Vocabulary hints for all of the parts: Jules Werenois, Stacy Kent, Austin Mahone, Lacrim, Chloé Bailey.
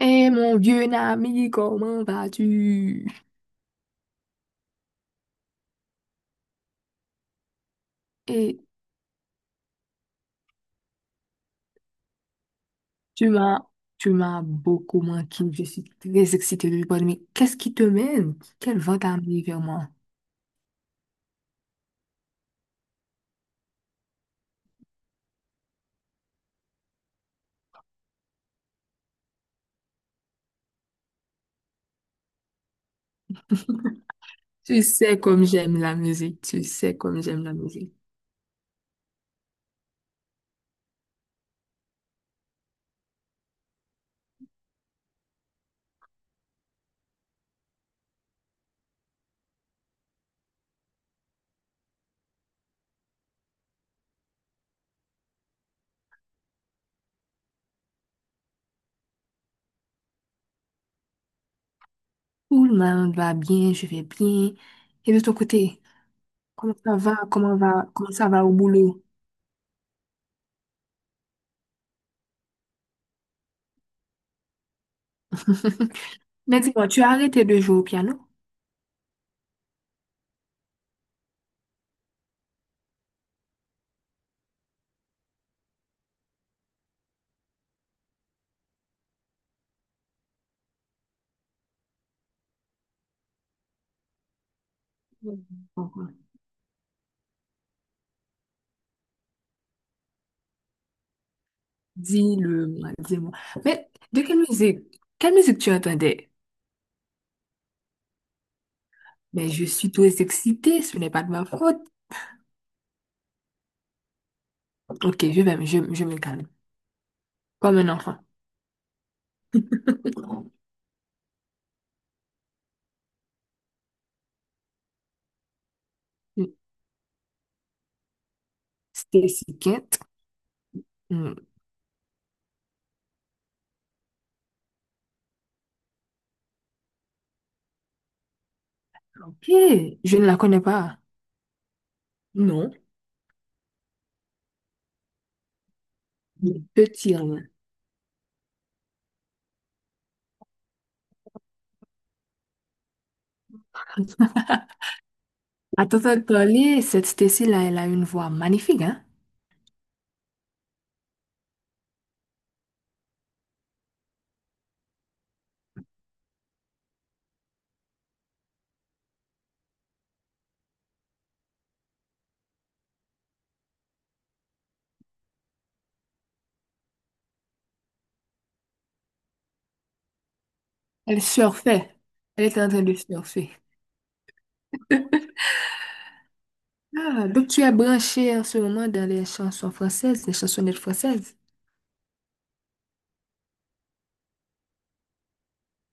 Eh mon vieux ami, comment vas-tu? Et tu m'as, tu m'as beaucoup manqué. Je suis très excitée de te Mais qu'est-ce qui te mène? Quel vent t'a amené vers moi? Tu sais comme j'aime la musique. Tu sais comme j'aime la musique. Tout le monde va bien, je vais bien. Et de ton côté, comment ça va? Comment va? Comment ça va au boulot? Mais dis-moi, tu as arrêté de jouer au piano? Mhm. Pourquoi dis-le-moi, dis-moi. Mais de quelle musique? Quelle musique tu entendais? Mais je suis trop excitée, ce n'est pas de ma faute. Ok, je me calme. Comme un enfant. Stacy Kent. Hmm, ok, je ne la connais pas. Non, petit rien. À t'entendre parler, cette Stacy-là, elle a une voix magnifique, hein? Elle surfait. Elle est en train de surfer. Ah, donc tu es branché en ce moment dans les chansons françaises, les chansonnettes françaises.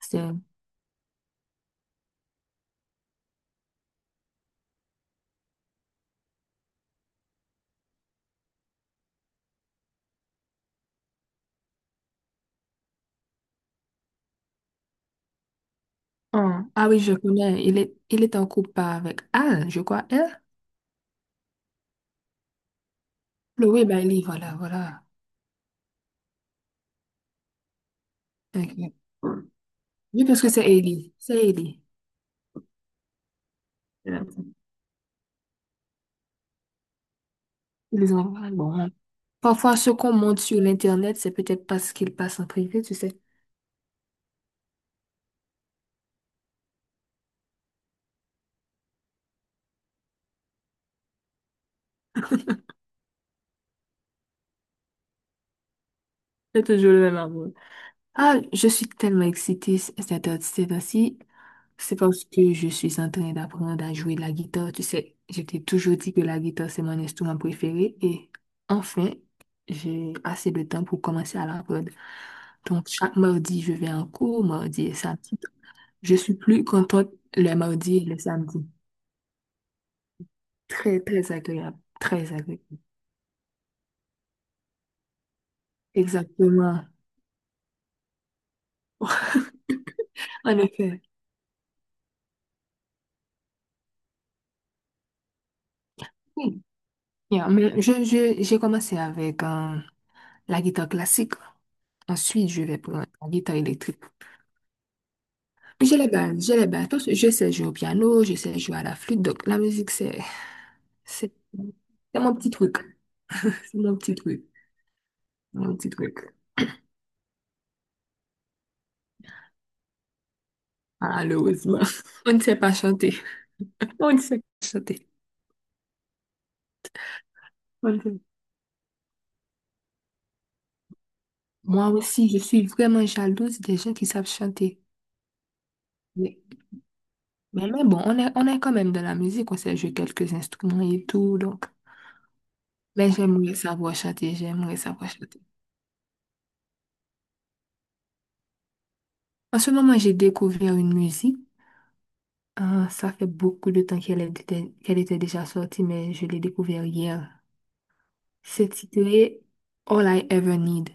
C'est... Ah ah oui, je connais. Il est en couple avec Al, je crois. Elle? Chloé Bailey, voilà, voilà. Ok. Je pense que c'est Ellie. C'est Ellie. Euh, Ils ont- bon, hein. Parfois, ce qu'on monte sur l'Internet, c'est peut-être pas ce qu'il passe en privé, tu sais. C'est toujours le même amour. Ah, je suis tellement excitée cette heure- ces temps-ci. C'est parce que je suis en train d'apprendre à jouer de la guitare. Tu sais, je t'ai toujours dit que la guitare, c'est mon instrument préféré. Et enfin, j'ai assez de temps pour commencer à l'apprendre. Donc, chaque mardi, je vais en cours, mardi et samedi. Je suis plus contente le mardi et le samedi. Très, très agréable. Très agréable. Exactement. En effet. Oui. Yeah, mais j'ai commencé avec la guitare classique. Ensuite, je vais prendre la guitare électrique. J'ai les bases, j'ai les bases. Parce que je sais jouer au piano, je sais jouer à la flûte. Donc, la musique, c'est, c'est mon petit truc. C'est mon petit truc. Mon petit truc. Malheureusement. On ne sait pas chanter. On ne sait pas chanter. On ne sait Moi aussi, je suis vraiment jalouse des gens qui savent chanter. Mais, mais bon, on est quand même dans la musique, on sait jouer quelques instruments et tout, donc. Mais j'aimerais savoir chanter, j'aimerais savoir chanter. En ce moment, j'ai découvert une musique. Ça fait beaucoup de temps qu'elle était déjà sortie, mais je l'ai découvert hier. C'est titré All I Ever Need.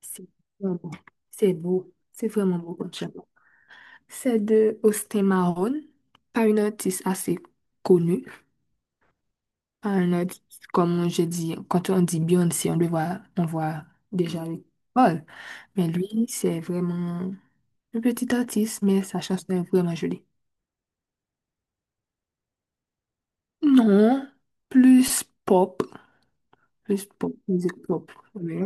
C'est vraiment beau. C'est beau. C'est vraiment beau comme chanson. C'est de Austin Mahone, pas une artiste assez connue. Un autre, comme je dis, quand on dit Beyoncé, on le voit, on voit déjà le Paul. Mais lui, c'est vraiment un petit artiste, mais sa chanson est vraiment jolie. Non, plus pop, plus pop, musique pop. Oui.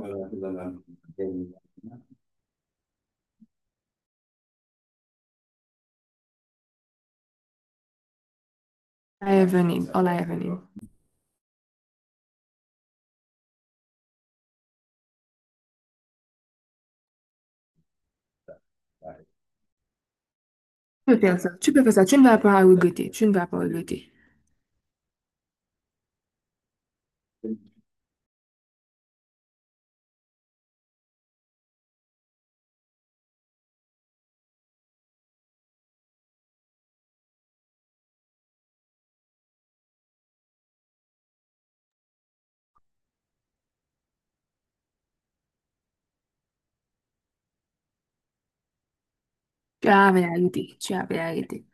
I have a name, all I have a name. Tu peux faire ça, tu peux faire ça, tu ne vas pas regretter, tu ne vas pas regretter. Tu avais arrêté, tu avais arrêté.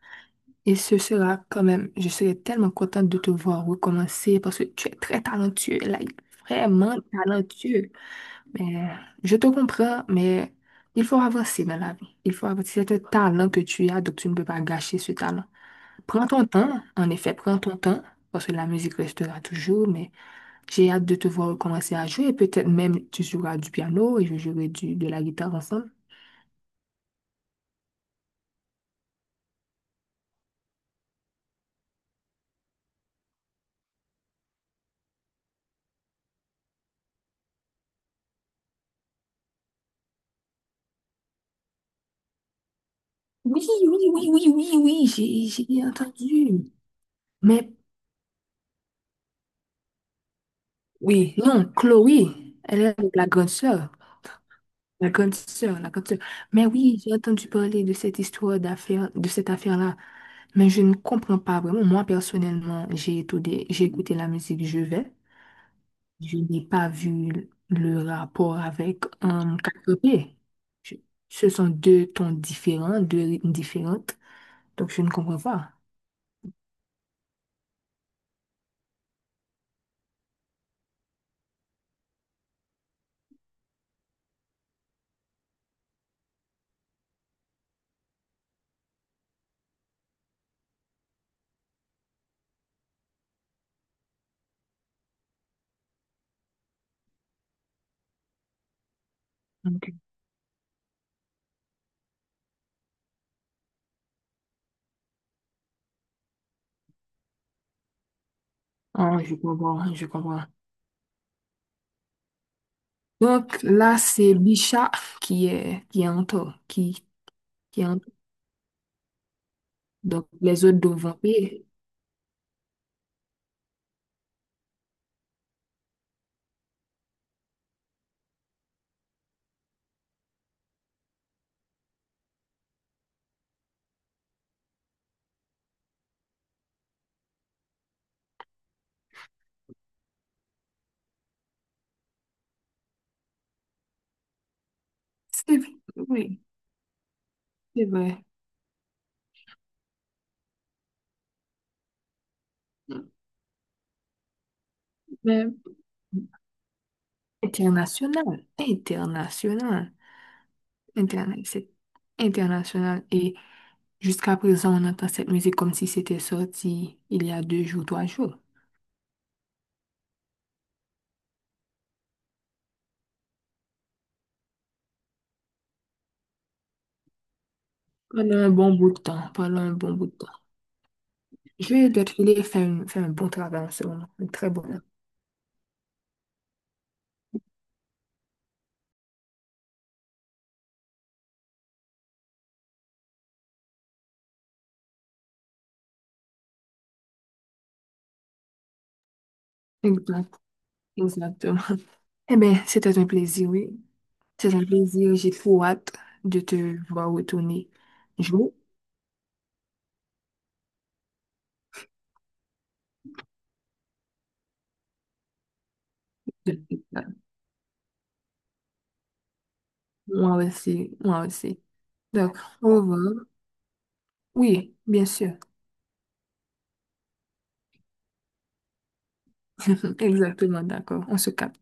Et ce sera quand même, je serai tellement contente de te voir recommencer parce que tu es très talentueux, like, vraiment talentueux. Mais je te comprends, mais il faut avancer dans la vie. Il faut avancer. C'est un talent que tu as, donc tu ne peux pas gâcher ce talent. Prends ton temps, en effet, prends ton temps, parce que la musique restera toujours, mais j'ai hâte de te voir recommencer à jouer. Peut-être même tu joueras du piano et je jouerai de la guitare ensemble. Oui, oui, oui, oui, oui, oui, j'ai entendu. Mais oui, non, Chloé, elle est la grande sœur. La grande sœur, la grande sœur. Mais oui, j'ai entendu parler de cette histoire d'affaire, de cette affaire-là. Mais je ne comprends pas vraiment. Moi, personnellement, j'ai écouté la musique Je vais. Je n'ai pas vu le rapport avec un quatre p Je- Ce sont deux tons différents, deux rythmes différentes. Donc, je ne comprends pas. Ok. Ah, je comprends, je comprends. Donc là, c'est Bicha qui est en tort, qui est en tort. Donc les autres doivent payer. C'est vrai oui, c'est vrai. Mais international, international. International, c'est international. Et jusqu'à présent, on entend cette musique comme si c'était sorti il y a deux jours, trois jours. Pendant un bon bout de temps, pendant un bon bout de temps. Je dois te filer faire, une- faire un bon travail en ce moment, un très bon. Travail. Exact, exactement. Eh bien, c'était un plaisir, oui. C'est un plaisir. J'ai trop hâte de te voir retourner jouer. De Moi aussi, moi aussi. Donc, au revoir. Oui, bien sûr. Exactement, d'accord. On se capte.